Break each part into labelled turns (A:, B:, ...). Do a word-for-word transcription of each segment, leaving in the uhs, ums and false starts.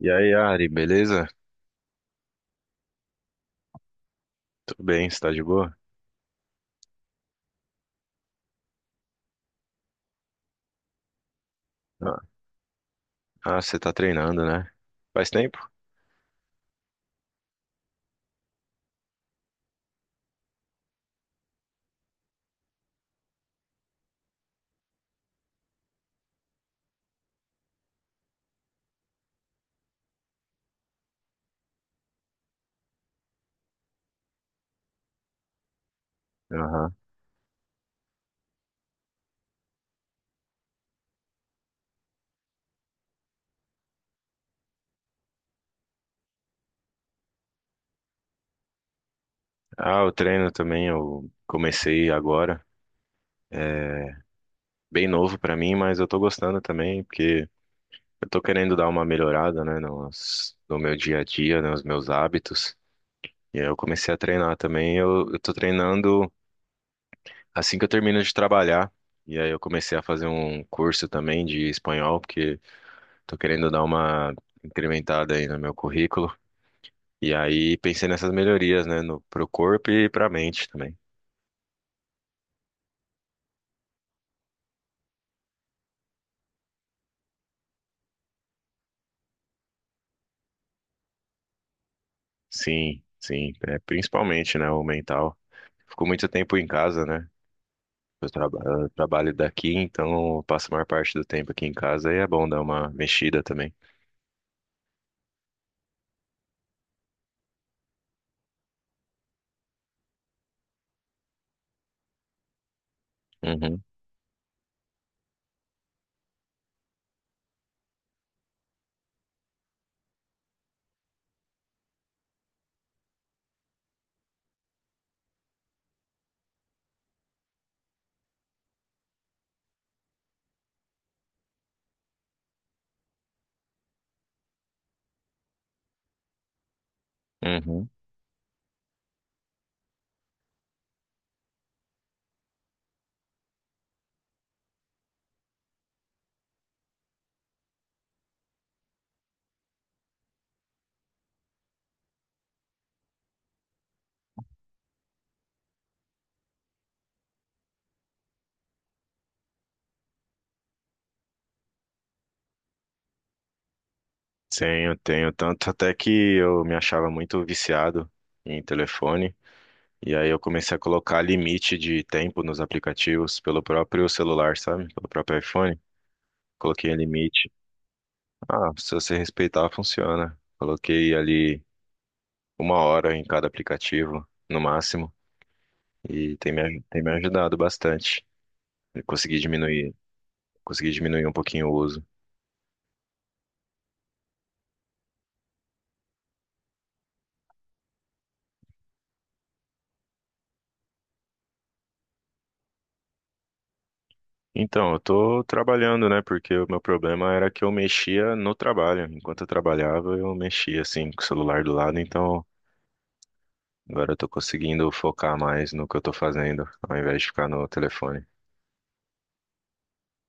A: E aí, Ari, beleza? Tudo bem, você tá de boa? Ah, ah, você tá treinando, né? Faz tempo? Aham. Ah, eu treino também, eu comecei agora. Bem novo pra mim, mas eu tô gostando também, porque eu tô querendo dar uma melhorada, né, nos, no meu dia a dia, né, nos meus hábitos. E aí eu comecei a treinar também, eu, eu tô treinando assim que eu termino de trabalhar. E aí eu comecei a fazer um curso também de espanhol, porque tô querendo dar uma incrementada aí no meu currículo. E aí pensei nessas melhorias, né, no, pro corpo e pra mente também. Sim, sim, é, principalmente, né, o mental. Fico muito tempo em casa, né? Eu, traba- eu trabalho daqui, então eu passo a maior parte do tempo aqui em casa e é bom dar uma mexida também. Uhum, uhum. Tenho, tenho. Tanto até que eu me achava muito viciado em telefone. E aí eu comecei a colocar limite de tempo nos aplicativos pelo próprio celular, sabe? Pelo próprio iPhone. Coloquei limite. Ah, se você respeitar, funciona. Coloquei ali uma hora em cada aplicativo, no máximo, e tem me, aj- tem me ajudado bastante. Eu consegui diminuir, consegui diminuir um pouquinho o uso. Então, eu tô trabalhando, né? Porque o meu problema era que eu mexia no trabalho. Enquanto eu trabalhava, eu mexia assim com o celular do lado, então agora eu tô conseguindo focar mais no que eu tô fazendo, ao invés de ficar no telefone.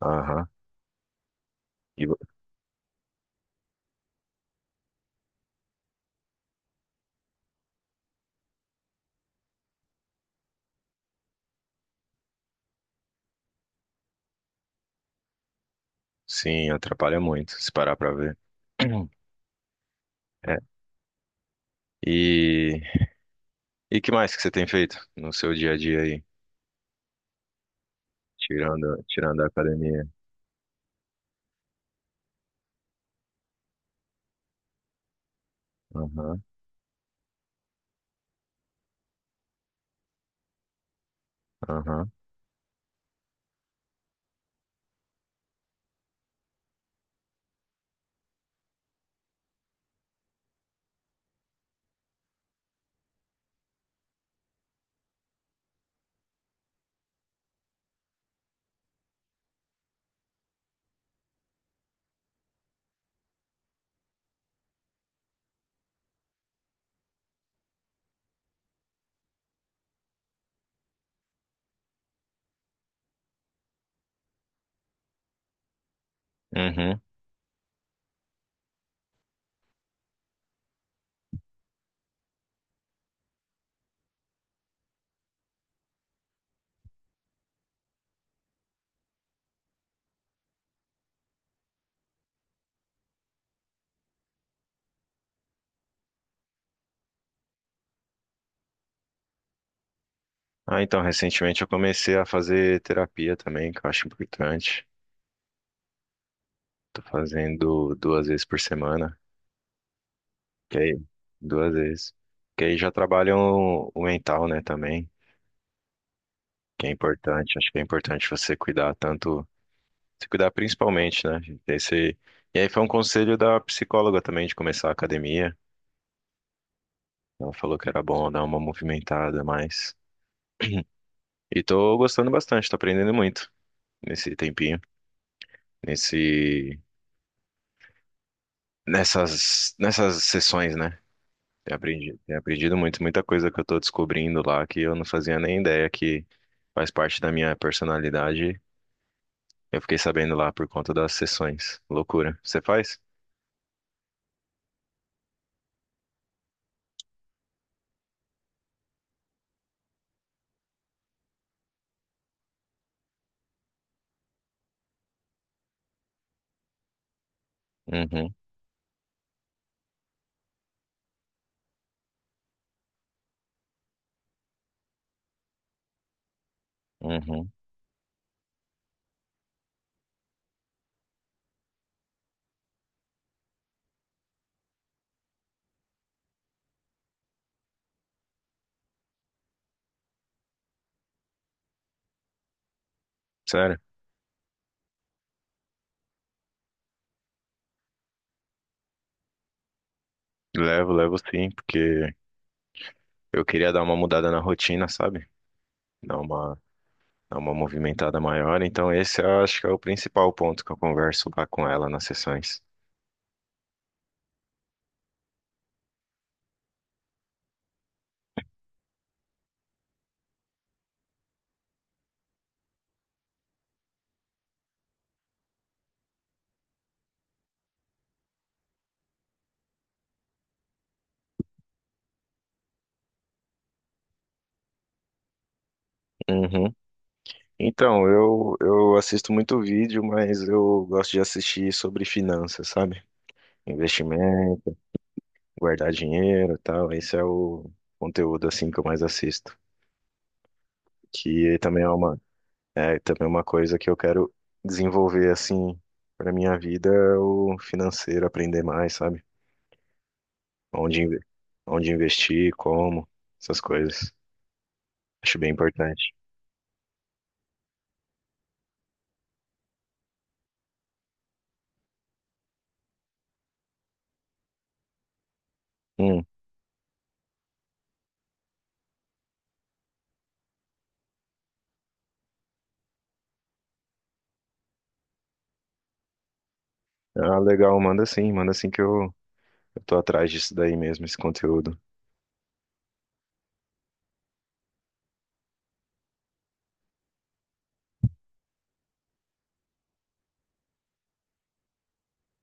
A: Aham. E vo- sim, atrapalha muito, se parar pra ver. É. E E que mais que você tem feito no seu dia a dia aí? Tirando, tirando a academia. Aham, aham. Uhum. Ah, então, recentemente eu comecei a fazer terapia também, que eu acho importante. Tô fazendo duas vezes por semana, que aí, duas vezes. Que aí já trabalham o o mental, né, também, que é importante. Acho que é importante você cuidar tanto, se cuidar principalmente, né? Esse... E aí foi um conselho da psicóloga também de começar a academia. Ela falou que era bom dar uma movimentada a mais. E tô gostando bastante, tô aprendendo muito nesse tempinho, nesse, nessas, nessas sessões, né? Tenho aprendido, tenho aprendido muito, muita coisa que eu tô descobrindo lá que eu não fazia nem ideia que faz parte da minha personalidade. Eu fiquei sabendo lá por conta das sessões. Loucura. Você faz? Uhum, uhum. Sério? Levo, levo sim, porque eu queria dar uma mudada na rotina, sabe? Dar uma, dar uma movimentada maior. Então, esse eu acho que é o principal ponto que eu converso lá com ela nas sessões. Uhum. Então, eu, eu assisto muito vídeo, mas eu gosto de assistir sobre finanças, sabe? Investimento, guardar dinheiro e tal. Esse é o conteúdo assim que eu mais assisto. Que também é uma, é também é uma coisa que eu quero desenvolver assim para minha vida, é o financeiro, aprender mais, sabe? Onde, inve- onde investir, como, essas coisas. Acho bem importante. Hum. Ah, legal, manda sim, manda sim que eu, eu tô atrás disso daí mesmo, esse conteúdo.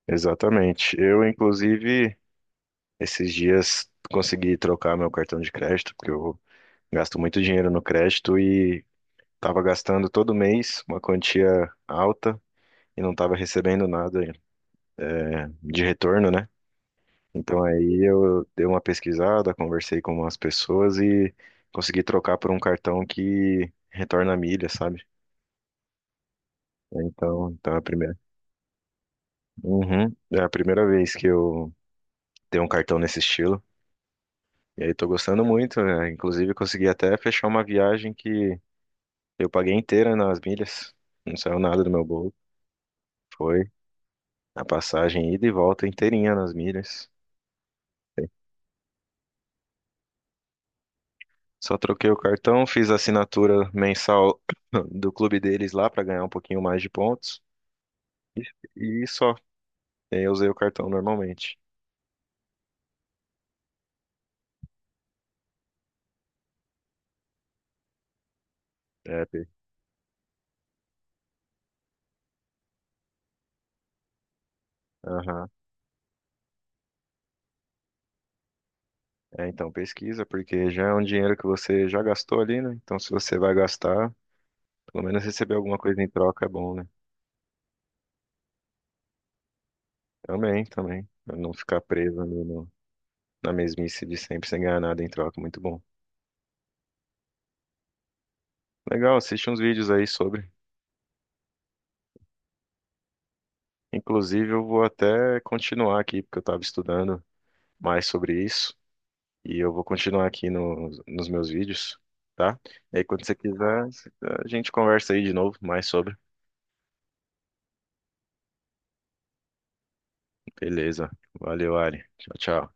A: Exatamente. Eu, inclusive, esses dias consegui trocar meu cartão de crédito, porque eu gasto muito dinheiro no crédito e estava gastando todo mês uma quantia alta e não estava recebendo nada, é, de retorno, né? Então aí eu dei uma pesquisada, conversei com umas pessoas e consegui trocar por um cartão que retorna milha, sabe? Então, então é a primeira. Uhum. É a primeira vez que eu tenho um cartão nesse estilo. E aí tô gostando muito, né? Inclusive consegui até fechar uma viagem que eu paguei inteira nas milhas. Não saiu nada do meu bolso. Foi a passagem ida e volta inteirinha nas milhas. Só troquei o cartão, fiz a assinatura mensal do clube deles lá pra ganhar um pouquinho mais de pontos e só. E aí eu usei o cartão normalmente. É, pe- aham. É, então pesquisa, porque já é um dinheiro que você já gastou ali, né? Então se você vai gastar, pelo menos receber alguma coisa em troca é bom, né? Também, também. Pra não ficar preso ali no- na mesmice de sempre sem ganhar nada em troca. Muito bom. Legal, assiste uns vídeos aí sobre. Inclusive, eu vou até continuar aqui, porque eu estava estudando mais sobre isso. E eu vou continuar aqui no- nos meus vídeos, tá? E aí, quando você quiser, a gente conversa aí de novo mais sobre. Beleza. Valeu, Ari. Tchau, tchau.